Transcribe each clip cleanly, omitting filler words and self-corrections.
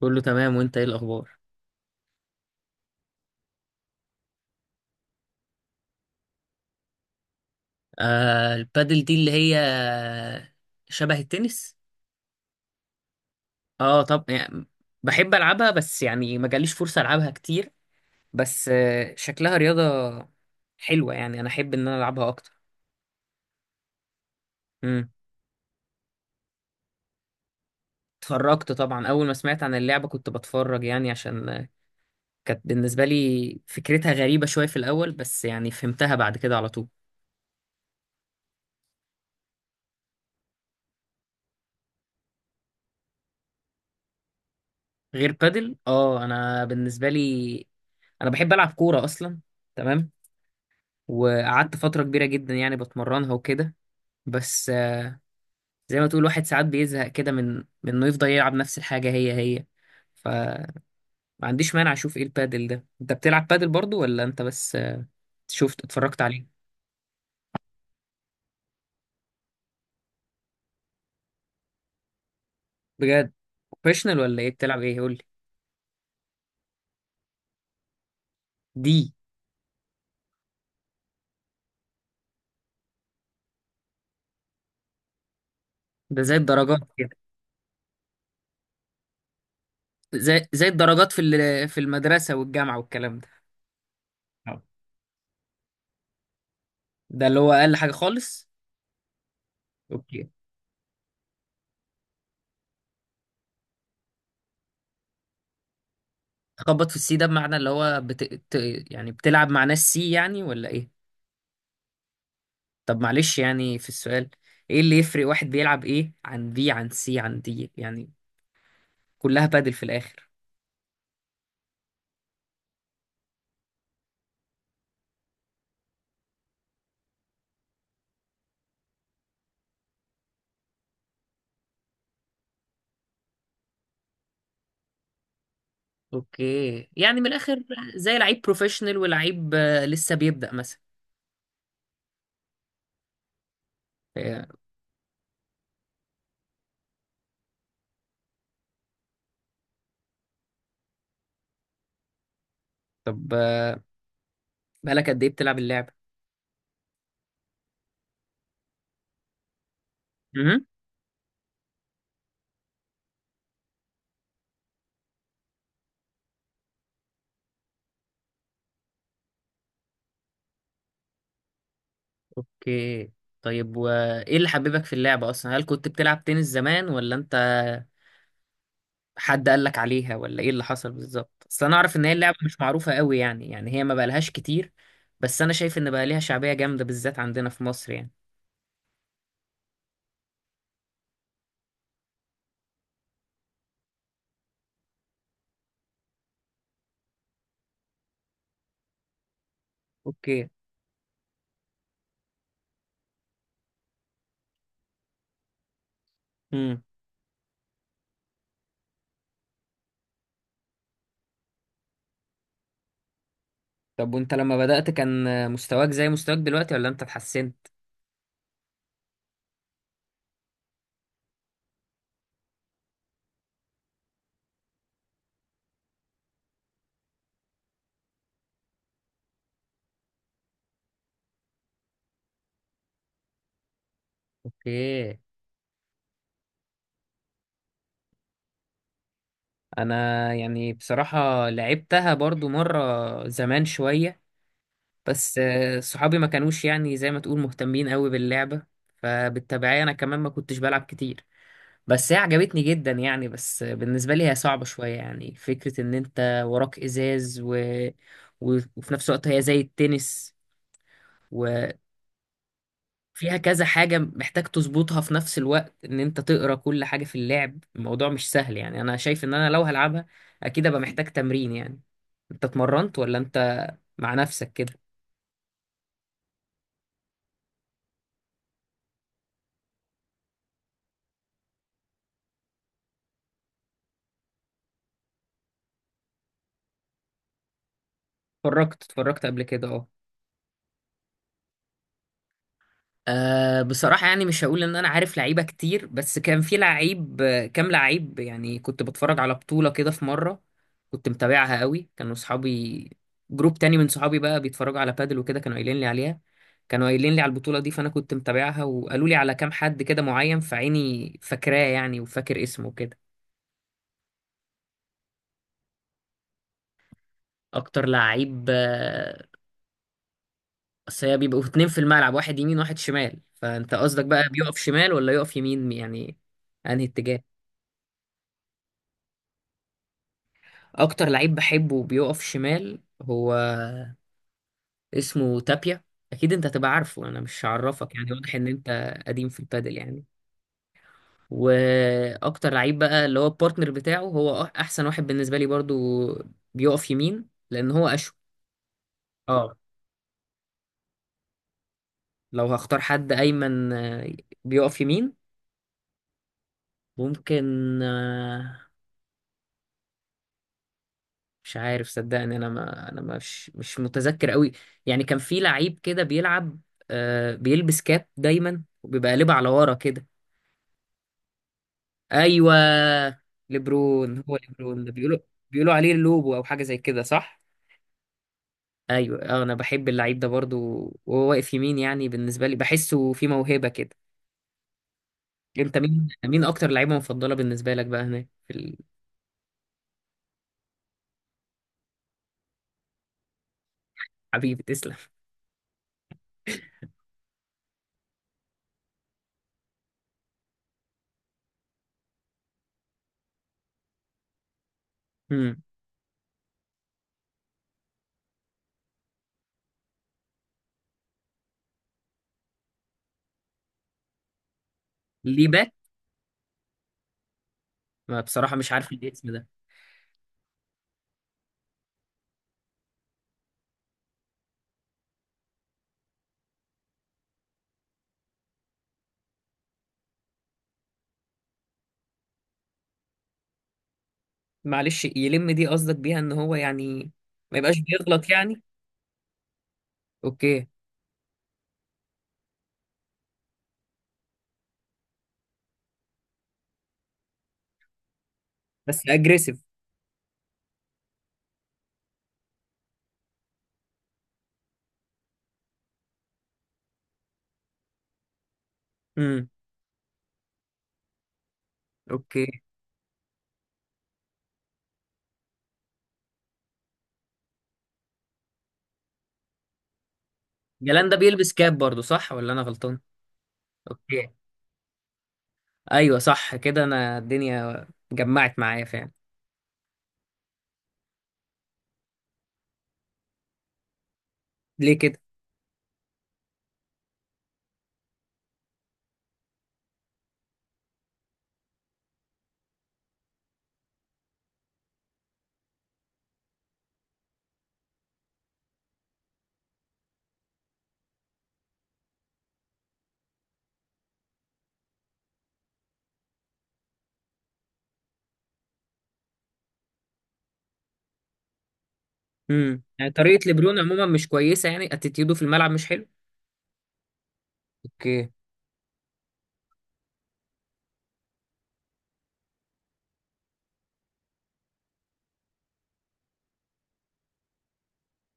كله تمام، وانت ايه الاخبار؟ البادل دي اللي هي شبه التنس. اه، طب يعني بحب العبها، بس يعني ما جاليش فرصة العبها كتير. بس شكلها رياضة حلوة، يعني انا احب ان انا العبها اكتر. امم اتفرجت طبعا، اول ما سمعت عن اللعبة كنت بتفرج، يعني عشان كانت بالنسبة لي فكرتها غريبة شوية في الاول، بس يعني فهمتها بعد كده على طول. غير بادل، اه، انا بالنسبة لي انا بحب العب كورة اصلا. تمام. وقعدت فترة كبيرة جدا يعني بتمرنها وكده. بس زي ما تقول واحد ساعات بيزهق كده من انه يفضل يلعب نفس الحاجة هي هي. فما عنديش مانع اشوف ايه البادل ده. انت بتلعب بادل برضو ولا انت بس شفت اتفرجت عليه؟ بجد؟ بروفيشنال ولا ايه بتلعب؟ ايه قول لي. دي ده زي الدرجات كده؟ زي الدرجات في في المدرسة والجامعة والكلام ده. آه. ده اللي هو اقل حاجة خالص. اوكي. تخبط في السي ده بمعنى اللي هو يعني بتلعب مع ناس سي يعني ولا ايه؟ طب معلش، يعني في السؤال، ايه اللي يفرق واحد بيلعب ايه عن بي عن سي عن دي يعني؟ كلها بادل في الاخر. اوكي، يعني من الاخر زي لعيب بروفيشنال ولعيب لسه بيبدأ مثلا. آه، طب بقالك قد ايه بتلعب اللعبة؟ امم اوكي. طيب، وايه اللي حببك في اللعبة اصلا؟ هل كنت بتلعب تنس زمان، ولا انت حد قال لك عليها، ولا ايه اللي حصل بالظبط؟ اصل انا اعرف ان هي اللعبة مش معروفة قوي يعني، يعني هي ما بقالهاش كتير، بس انا شايف ان بقى ليها شعبية جامدة بالذات عندنا في مصر يعني. اوكي. امم طب وانت لما بدأت كان مستواك زي مستواك دلوقتي ولا انت اتحسنت؟ اوكي. انا يعني بصراحة لعبتها برضو مرة زمان شوية. بس صحابي ما كانوش يعني زي ما تقول مهتمين قوي باللعبة. فبالتبعية انا كمان ما كنتش بلعب كتير. بس هي عجبتني جدا يعني، بس بالنسبة لي هي صعبة شوية يعني، فكرة ان انت وراك ازاز وفي نفس الوقت هي زي التنس، و... فيها كذا حاجة محتاج تظبطها في نفس الوقت، ان انت تقرا كل حاجة في اللعب. الموضوع مش سهل يعني، انا شايف ان انا لو هلعبها اكيد ابقى محتاج تمرين يعني. انت اتمرنت ولا انت مع نفسك كده؟ اتفرجت، اتفرجت قبل كده، اه. أه، بصراحة يعني مش هقول إن أنا عارف لعيبة كتير، بس كان في لعيب كام لعيب يعني، كنت بتفرج على بطولة كده في مرة. كنت متابعها قوي، كانوا صحابي، جروب تاني من صحابي بقى بيتفرجوا على بادل وكده، كانوا قايلين لي عليها، كانوا قايلين لي على البطولة دي، فأنا كنت متابعها وقالوا لي على كام حد كده معين، فعيني فاكراه يعني وفاكر اسمه كده. أكتر لعيب أصل هي بيبقوا اتنين في الملعب، واحد يمين واحد شمال، فأنت قصدك بقى بيقف شمال ولا يقف يمين يعني؟ أنهي اتجاه؟ اكتر لعيب بحبه بيقف شمال، هو اسمه تابيا. اكيد انت هتبقى عارفه، انا مش هعرفك يعني، واضح ان انت قديم في البادل يعني. واكتر لعيب بقى اللي هو البارتنر بتاعه هو احسن واحد بالنسبه لي برضو. بيقف يمين لان هو اشول. اه، لو هختار حد ايمن بيقف يمين ممكن. آه، مش عارف صدقني، انا مش متذكر قوي، يعني كان في لعيب كده بيلعب بيلبس كاب دايما وبيبقى قلبه على ورا كده. ايوه. ليبرون. هو ليبرون ده بيقولوا، بيقولوا عليه لوبو او حاجه زي كده، صح؟ ايوه انا بحب اللعيب ده برضو، وهو واقف يمين يعني، بالنسبه لي بحسه في موهبه كده. انت مين اكتر لعيبه مفضله بالنسبه لك بقى هناك في... الحبيب تسلم. امم ليه باك؟ ما بصراحه مش عارف الاسم ده. معلش، يلم دي قصدك بيها ان هو يعني ما يبقاش بيغلط يعني؟ اوكي. بس اجريسيف؟ امم اوكي. جلان ده بيلبس كاب برضو صح ولا انا غلطان؟ اوكي. ايوه صح كده، انا الدنيا جمعت معايا فعلا. ليه كده؟ يعني طريقه لبرون عموما مش كويسه يعني، اتيتيودو في الملعب مش حلو. اوكي.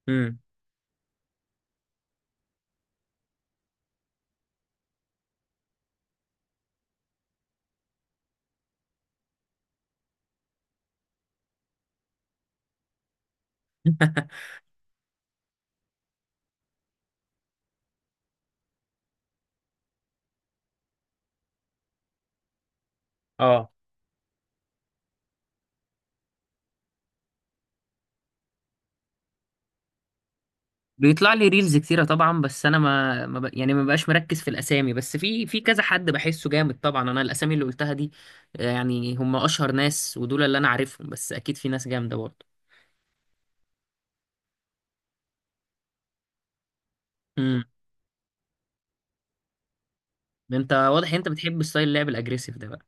امم اه بيطلع لي ريلز كتيره طبعا، بس انا ما, ما ب... يعني ما بقاش مركز في الاسامي، بس في كذا حد بحسه جامد طبعا. انا الاسامي اللي قلتها دي يعني هم اشهر ناس ودول اللي انا عارفهم، بس اكيد في ناس جامده برضه. امم انت واضح انت بتحب ستايل اللعب الاجريسيف ده بقى.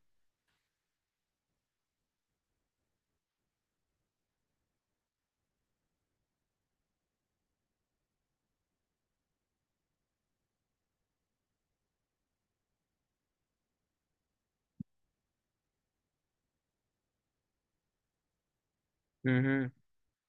مهم.